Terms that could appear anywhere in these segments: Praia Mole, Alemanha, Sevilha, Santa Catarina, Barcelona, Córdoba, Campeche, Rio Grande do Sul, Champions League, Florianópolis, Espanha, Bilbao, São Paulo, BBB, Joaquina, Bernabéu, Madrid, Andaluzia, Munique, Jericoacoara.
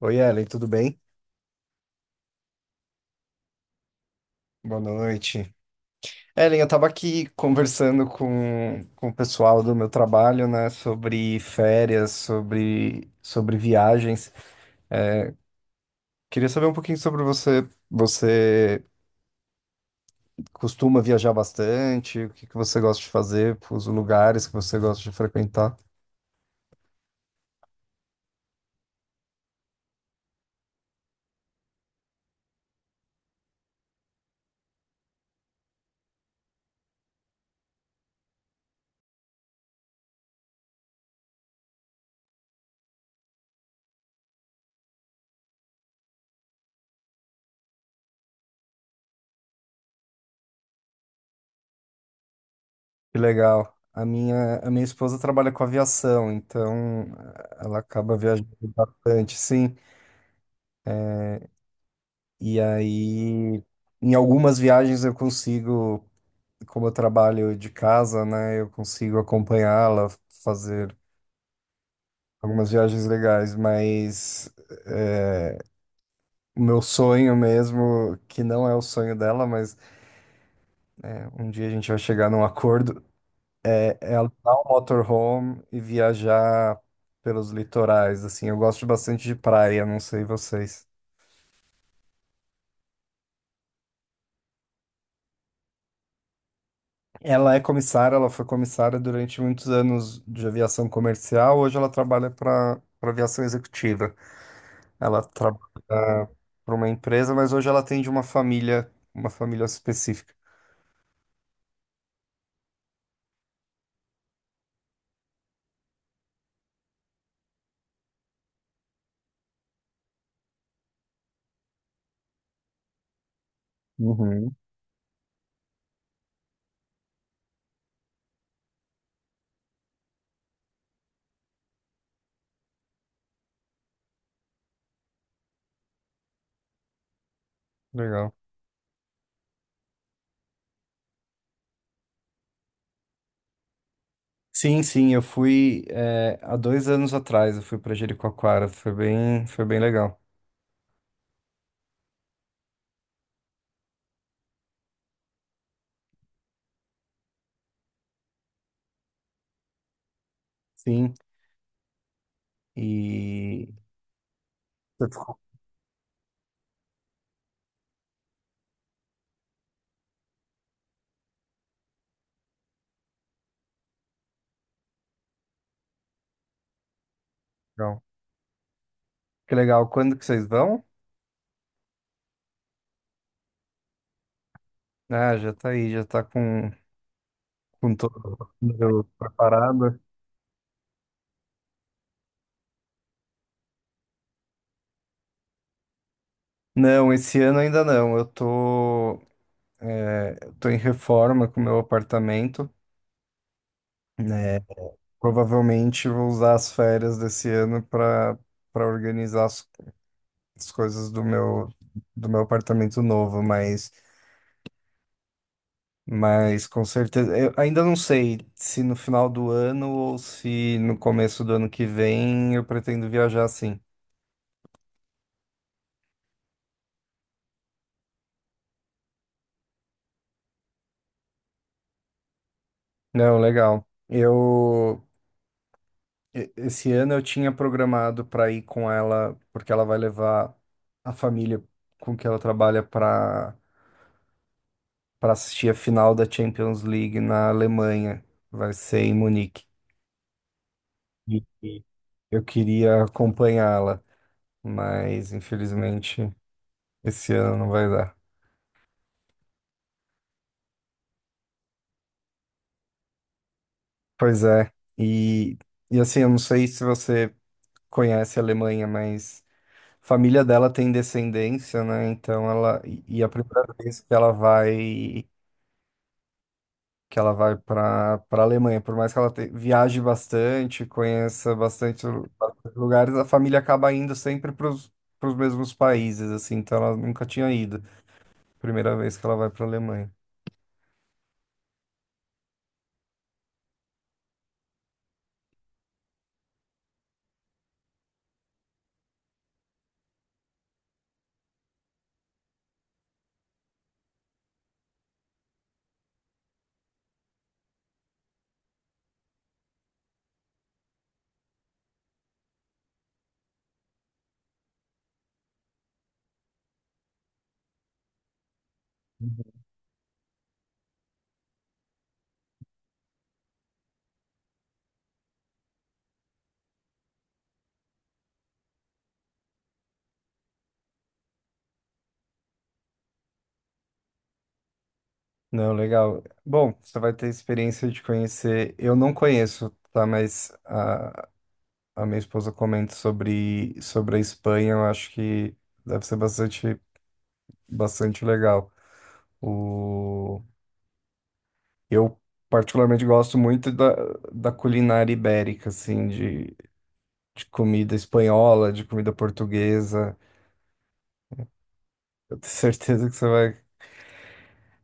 Oi, Ellen, tudo bem? Boa noite. Ellen, eu estava aqui conversando com o pessoal do meu trabalho, né, sobre férias, sobre viagens. Queria saber um pouquinho sobre você. Você costuma viajar bastante? O que que você gosta de fazer? Os lugares que você gosta de frequentar? Que legal. A minha esposa trabalha com aviação, então ela acaba viajando bastante, sim. E aí, em algumas viagens eu consigo. Como eu trabalho de casa, né, eu consigo acompanhá-la, fazer algumas viagens legais, mas é, o meu sonho mesmo, que não é o sonho dela, mas é, um dia a gente vai chegar num acordo, é alugar um motorhome e viajar pelos litorais, assim, eu gosto bastante de praia, não sei vocês. Ela é comissária, ela foi comissária durante muitos anos de aviação comercial, hoje ela trabalha para aviação executiva. Ela trabalha para uma empresa, mas hoje ela atende uma família específica. Uhum. Legal. Sim, sim, eu fui há dois anos atrás, eu fui para Jericoacoara, foi bem legal. Sim, e você ficou legal. Que legal. Quando que vocês vão? Ah, já tá aí, já tá com todo mundo preparado. Não, esse ano ainda não. Eu tô eu tô em reforma com o meu apartamento, né? Provavelmente vou usar as férias desse ano para para organizar as coisas do meu apartamento novo, mas com certeza eu ainda não sei se no final do ano ou se no começo do ano que vem eu pretendo viajar sim. Não, legal. Eu esse ano eu tinha programado para ir com ela porque ela vai levar a família com que ela trabalha para assistir a final da Champions League na Alemanha. Vai ser em Munique. E e eu queria acompanhá-la, mas infelizmente esse ano não vai dar. Pois é. E, e assim, eu não sei se você conhece a Alemanha, mas a família dela tem descendência, né? Então ela. E a primeira vez que ela vai para Alemanha. Por mais que ela viaje bastante, conheça bastante, bastante lugares, a família acaba indo sempre para os mesmos países, assim. Então ela nunca tinha ido. Primeira vez que ela vai para Alemanha. Uhum. Não, legal. Bom, você vai ter a experiência de conhecer. Eu não conheço, tá? A minha esposa comenta sobre a Espanha. Eu acho que deve ser bastante, bastante legal. O... Eu particularmente gosto muito da culinária ibérica, assim, de comida espanhola, de comida portuguesa. Eu tenho certeza que você vai,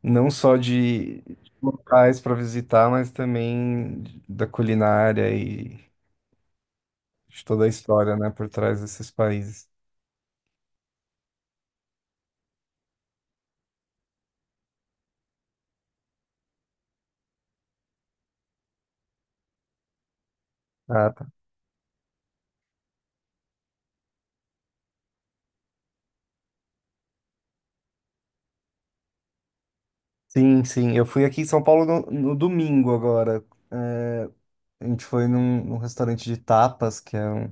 não só de locais para visitar, mas também da culinária e de toda a história, né, por trás desses países. Ah, tá. Sim, sim. Eu fui aqui em São Paulo no domingo agora. É, a gente foi num restaurante de tapas, que é um,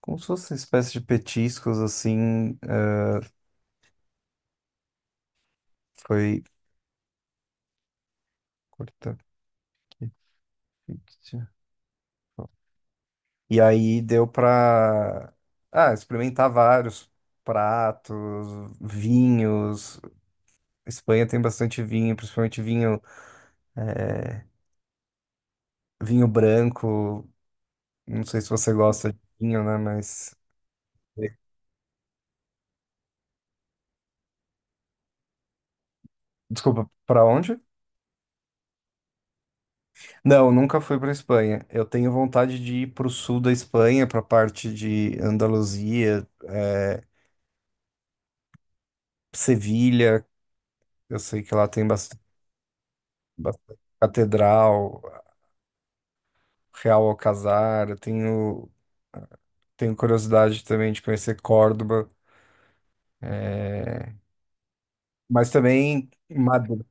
como se fosse uma espécie de petiscos, assim. É, foi. Fictício. E aí deu pra experimentar vários pratos, vinhos. Espanha tem bastante vinho, principalmente vinho, eh, vinho branco. Não sei se você gosta de vinho, né? Mas desculpa, pra onde? Não, nunca fui pra Espanha. Eu tenho vontade de ir pro sul da Espanha, pra parte de Andaluzia, Sevilha. Eu sei que lá tem bastante, bastante catedral. Real Alcazar, tenho curiosidade também de conhecer Córdoba, é, mas também Madrid.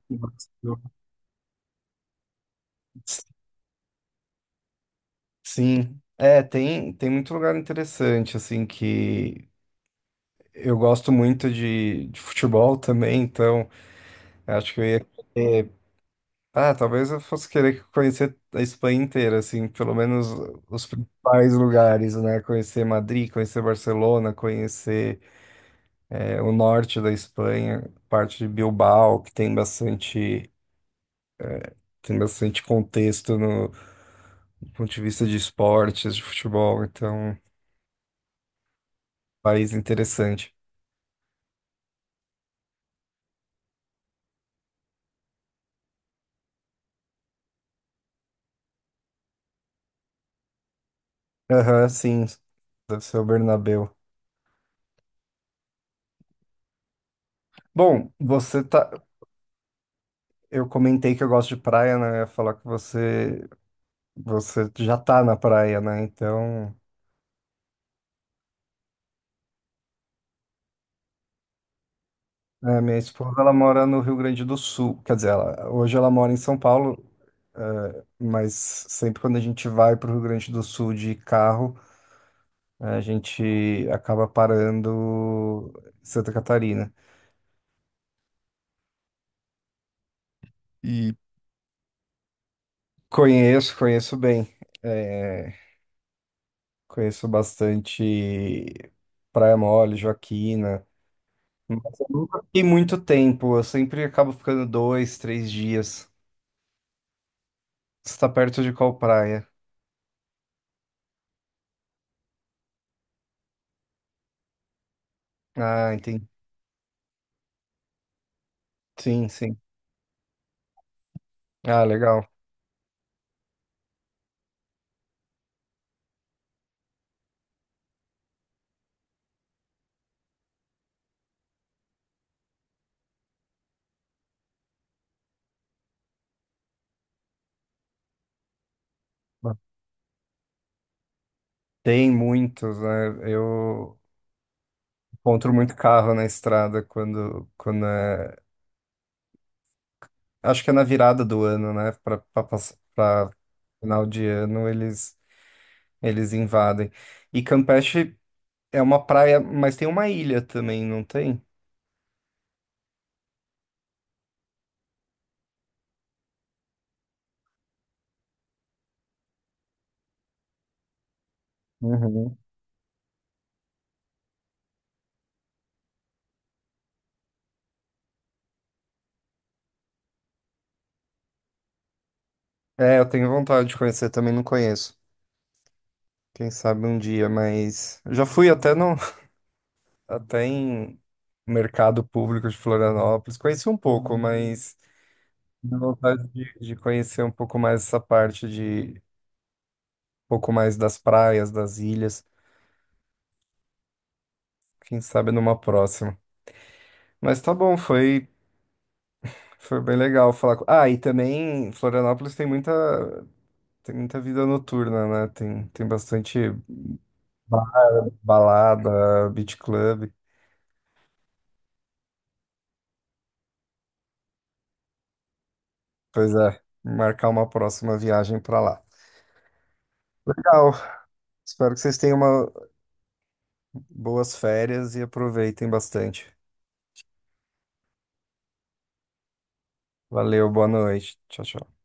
Sim, é, tem, tem muito lugar interessante, assim, que eu gosto muito de futebol também, então acho que eu ia querer, ah, talvez eu fosse querer conhecer a Espanha inteira, assim, pelo menos os principais lugares, né? Conhecer Madrid, conhecer Barcelona, conhecer é, o norte da Espanha, parte de Bilbao, que tem bastante contexto no, do ponto de vista de esportes, de futebol, então, um país interessante. Aham, sim, deve ser o Bernabéu. Bom, você tá. Eu comentei que eu gosto de praia, né? Eu ia falar que você, você já tá na praia, né? Então. É, minha esposa, ela mora no Rio Grande do Sul, quer dizer, ela, hoje ela mora em São Paulo, é, mas sempre quando a gente vai para o Rio Grande do Sul de carro, é, a gente acaba parando em Santa Catarina. E conheço, conheço bem, é, conheço bastante Praia Mole, Joaquina, mas eu nunca fiquei muito tempo, eu sempre acabo ficando dois, três dias. Você está perto de qual praia? Ah, entendi. Sim, sim. Ah, legal. Tem muitos, né? Eu encontro muito carro na estrada quando é... Acho que é na virada do ano, né? Para final de ano eles invadem. E Campeche é uma praia, mas tem uma ilha também, não tem? Uhum. É, eu tenho vontade de conhecer, também não conheço. Quem sabe um dia, mas eu já fui até no até em mercado público de Florianópolis, conheci um pouco, mas tenho vontade de conhecer um pouco mais essa parte de um pouco mais das praias, das ilhas, quem sabe numa próxima. Mas tá bom, foi foi bem legal falar. Ah, e também Florianópolis tem muita vida noturna, né? Tem bastante ba- balada, beach club. Pois é, marcar uma próxima viagem pra lá. Legal. Espero que vocês tenham uma boas férias e aproveitem bastante. Valeu, boa noite. Tchau, tchau.